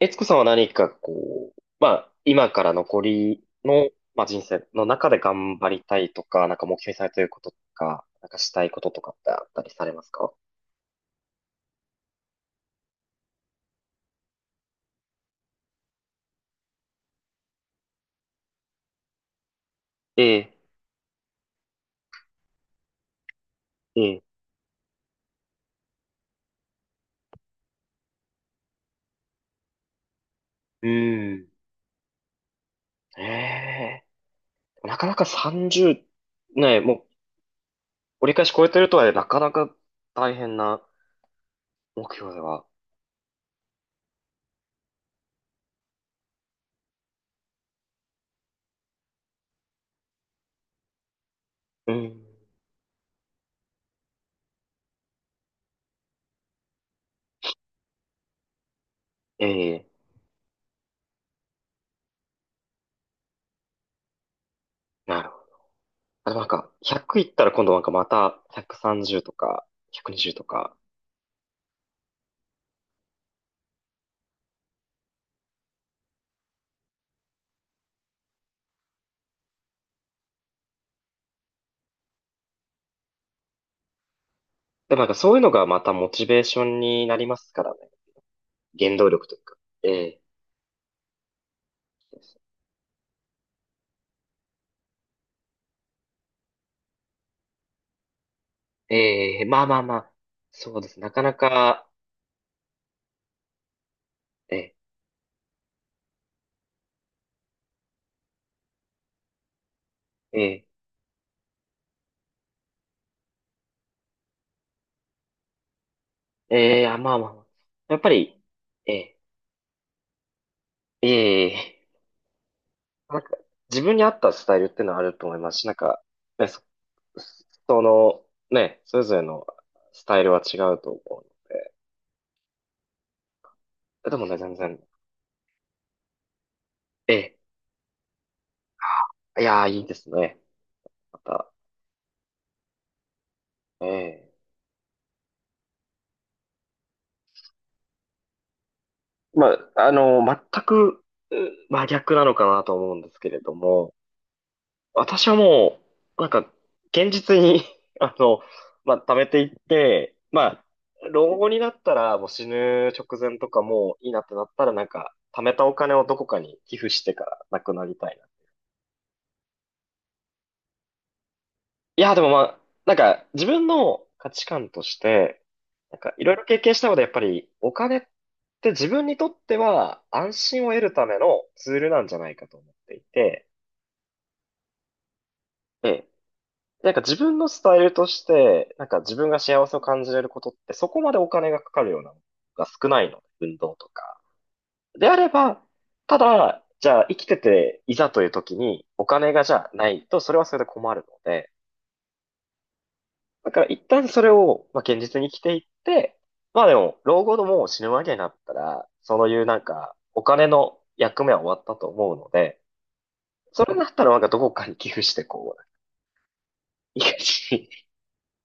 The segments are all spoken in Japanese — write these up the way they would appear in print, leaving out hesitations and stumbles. えつこさんは何かこう、まあ、今から残りの、まあ、人生の中で頑張りたいとか、なんか目標にされていることとか、なんかしたいこととかってあったりされますか？ええ、ええ、うーん。ええ、なかなか30、ねえ、もう折り返し超えてるとは、なかなか大変な目標では。うん。ええ、なるほど。あ、でもなんか、100いったら今度なんかまた130とか、120とか。でもなんかそういうのがまたモチベーションになりますからね。原動力というか。ええええまあまあまあ。そうです。なかなか、ええええええあまあまあまあ。やっぱり、ええええなんか、自分に合ったスタイルっていうのはあると思いますし、なんか、ね、その、ね、それぞれのスタイルは違うと思う。でもね、全然、ええ、いやー、いいですね。また、ええ、まあ、あの、全くう真逆なのかなと思うんですけれども、私はもう、なんか、現実に あの、まあ、貯めていって、まあ、老後になったら、もう死ぬ直前とかもういいなってなったら、なんか、貯めたお金をどこかに寄付してから亡くなりたいな。いや、でもまあ、なんか、自分の価値観として、なんか、いろいろ経験したので、やっぱり、お金って自分にとっては安心を得るためのツールなんじゃないかと思っていて、ええ。なんか自分のスタイルとして、なんか自分が幸せを感じれることってそこまでお金がかかるようなのが少ないの。運動とか。であれば、ただ、じゃあ生きてていざという時にお金がじゃあないとそれはそれで困るので、だから一旦それを、まあ、現実に生きていって、まあでも、老後のもう死ぬわけになったら、そういうなんかお金の役目は終わったと思うので、それだったらなんかどこかに寄付してこう、いい感じに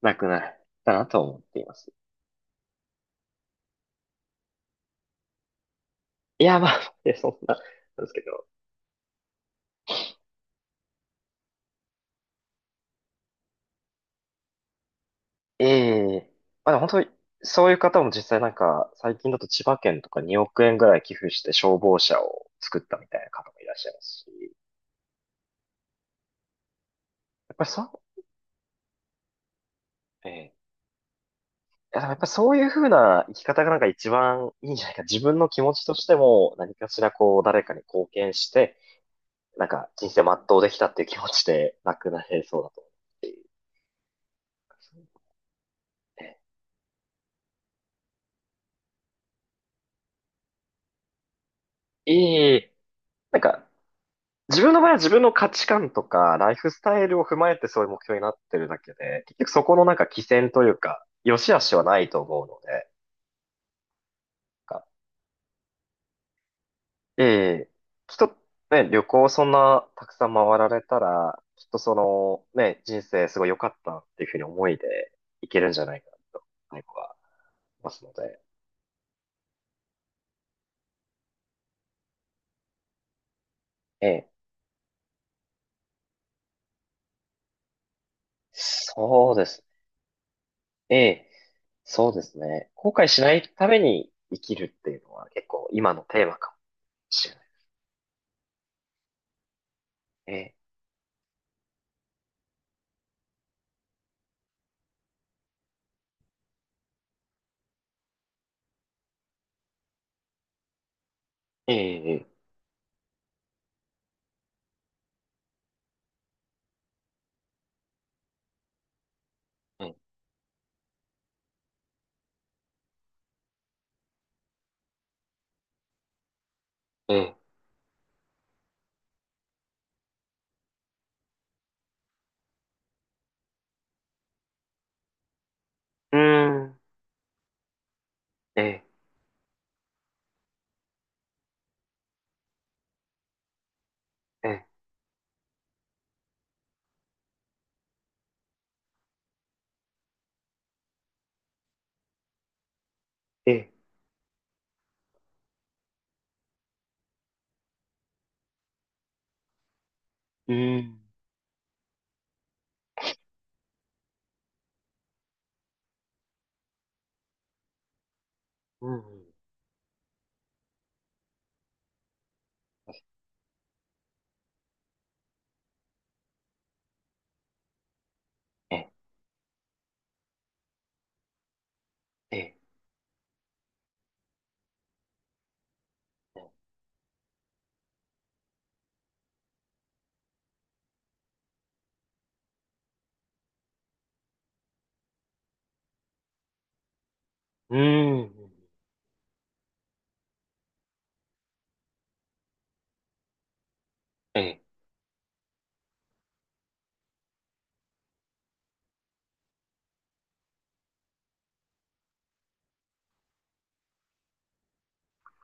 なくなるかなと思っています。いや、まあ、そんな、なんですけど。ええ、まあでも本当に、そういう方も実際なんか、最近だと千葉県とか2億円ぐらい寄付して消防車を作ったみたいな方もいらっしゃいますし、やっぱりそう、ええ、いやでもやっぱそういうふうな生き方がなんか一番いいんじゃないか。自分の気持ちとしても何かしらこう誰かに貢献して、なんか人生全うできたっていう気持ちでなくなれそうだと思います。ええ、いい。なんか自分の場合は自分の価値観とか、ライフスタイルを踏まえてそういう目標になってるだけで、結局そこのなんか起点というか、良し悪しはないと思うので、なんかええ、きっとね、旅行そんなたくさん回られたら、きっとそのね、人生すごい良かったっていうふうに思いでいけるんじゃないかなと、最後は思いますので、ええ、そうですね。ええ、そうですね。後悔しないために生きるっていうのは結構今のテーマかもしれない。ええ、ええ、ええ。ええ、うん、ええ、ええ、ええ、うん、うん、ええ、ええ、うん、ええ。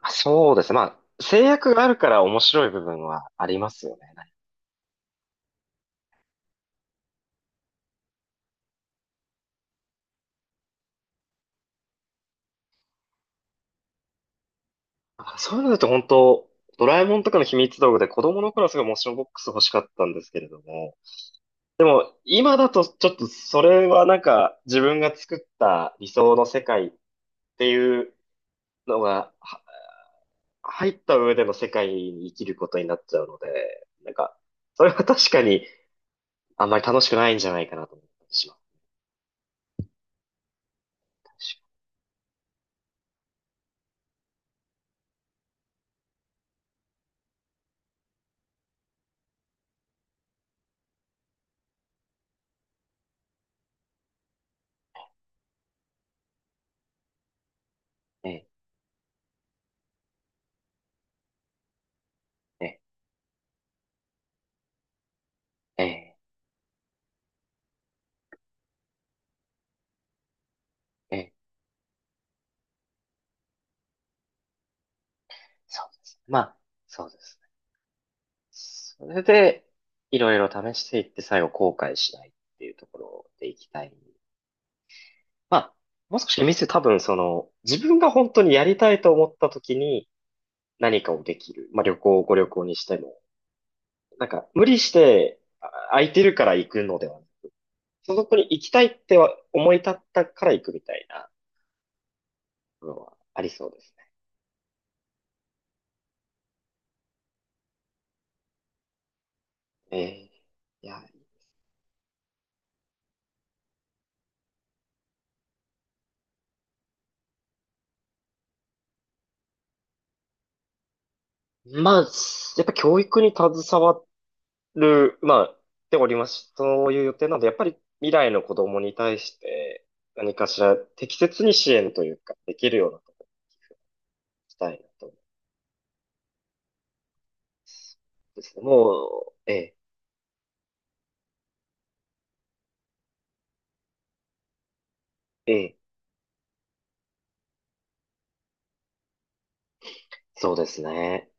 まあそうですね。まあ、制約があるから面白い部分はありますよね。だからそういうのだと本当、ドラえもんとかの秘密道具で子供の頃はすごいモーションボックス欲しかったんですけれども、今だとちょっとそれはなんか自分が作った理想の世界っていうのが入った上での世界に生きることになっちゃうので、なんか、それは確かにあんまり楽しくないんじゃないかなと思ってしまったりします。ええ、ええ、ええ、そうですね。まあ、そうですね。それで、いろいろ試していって最後後悔しないっていうところでいきたい。まあ、もう少し多分その、自分が本当にやりたいと思った時に何かをできる。まあご旅行にしても。なんか、無理して、あ、空いてるから行くのではそこに行きたいっては思い立ったから行くみたいなのはありそうですね。ええ、いや、まあ、やっぱ教育に携わる、まあ、でおります。そういう予定なので、やっぱり未来の子供に対して何かしら適切に支援というか、できるようなことをしたいなと思います。ですね。もう、ええ、ええ、そうですね。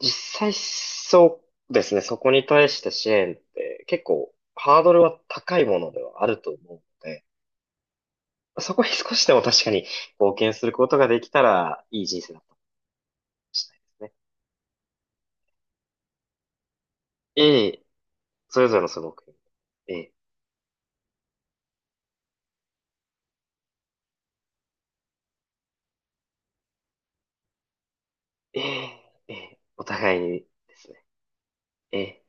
実際そうですね、そこに対して支援って結構ハードルは高いものではあると思うので、そこに少しでも確かに貢献することができたらいい人生だったかもしれないですね。ええ、それぞれのその目標。ええ、ええ、ええ、お互いにですね。ええ。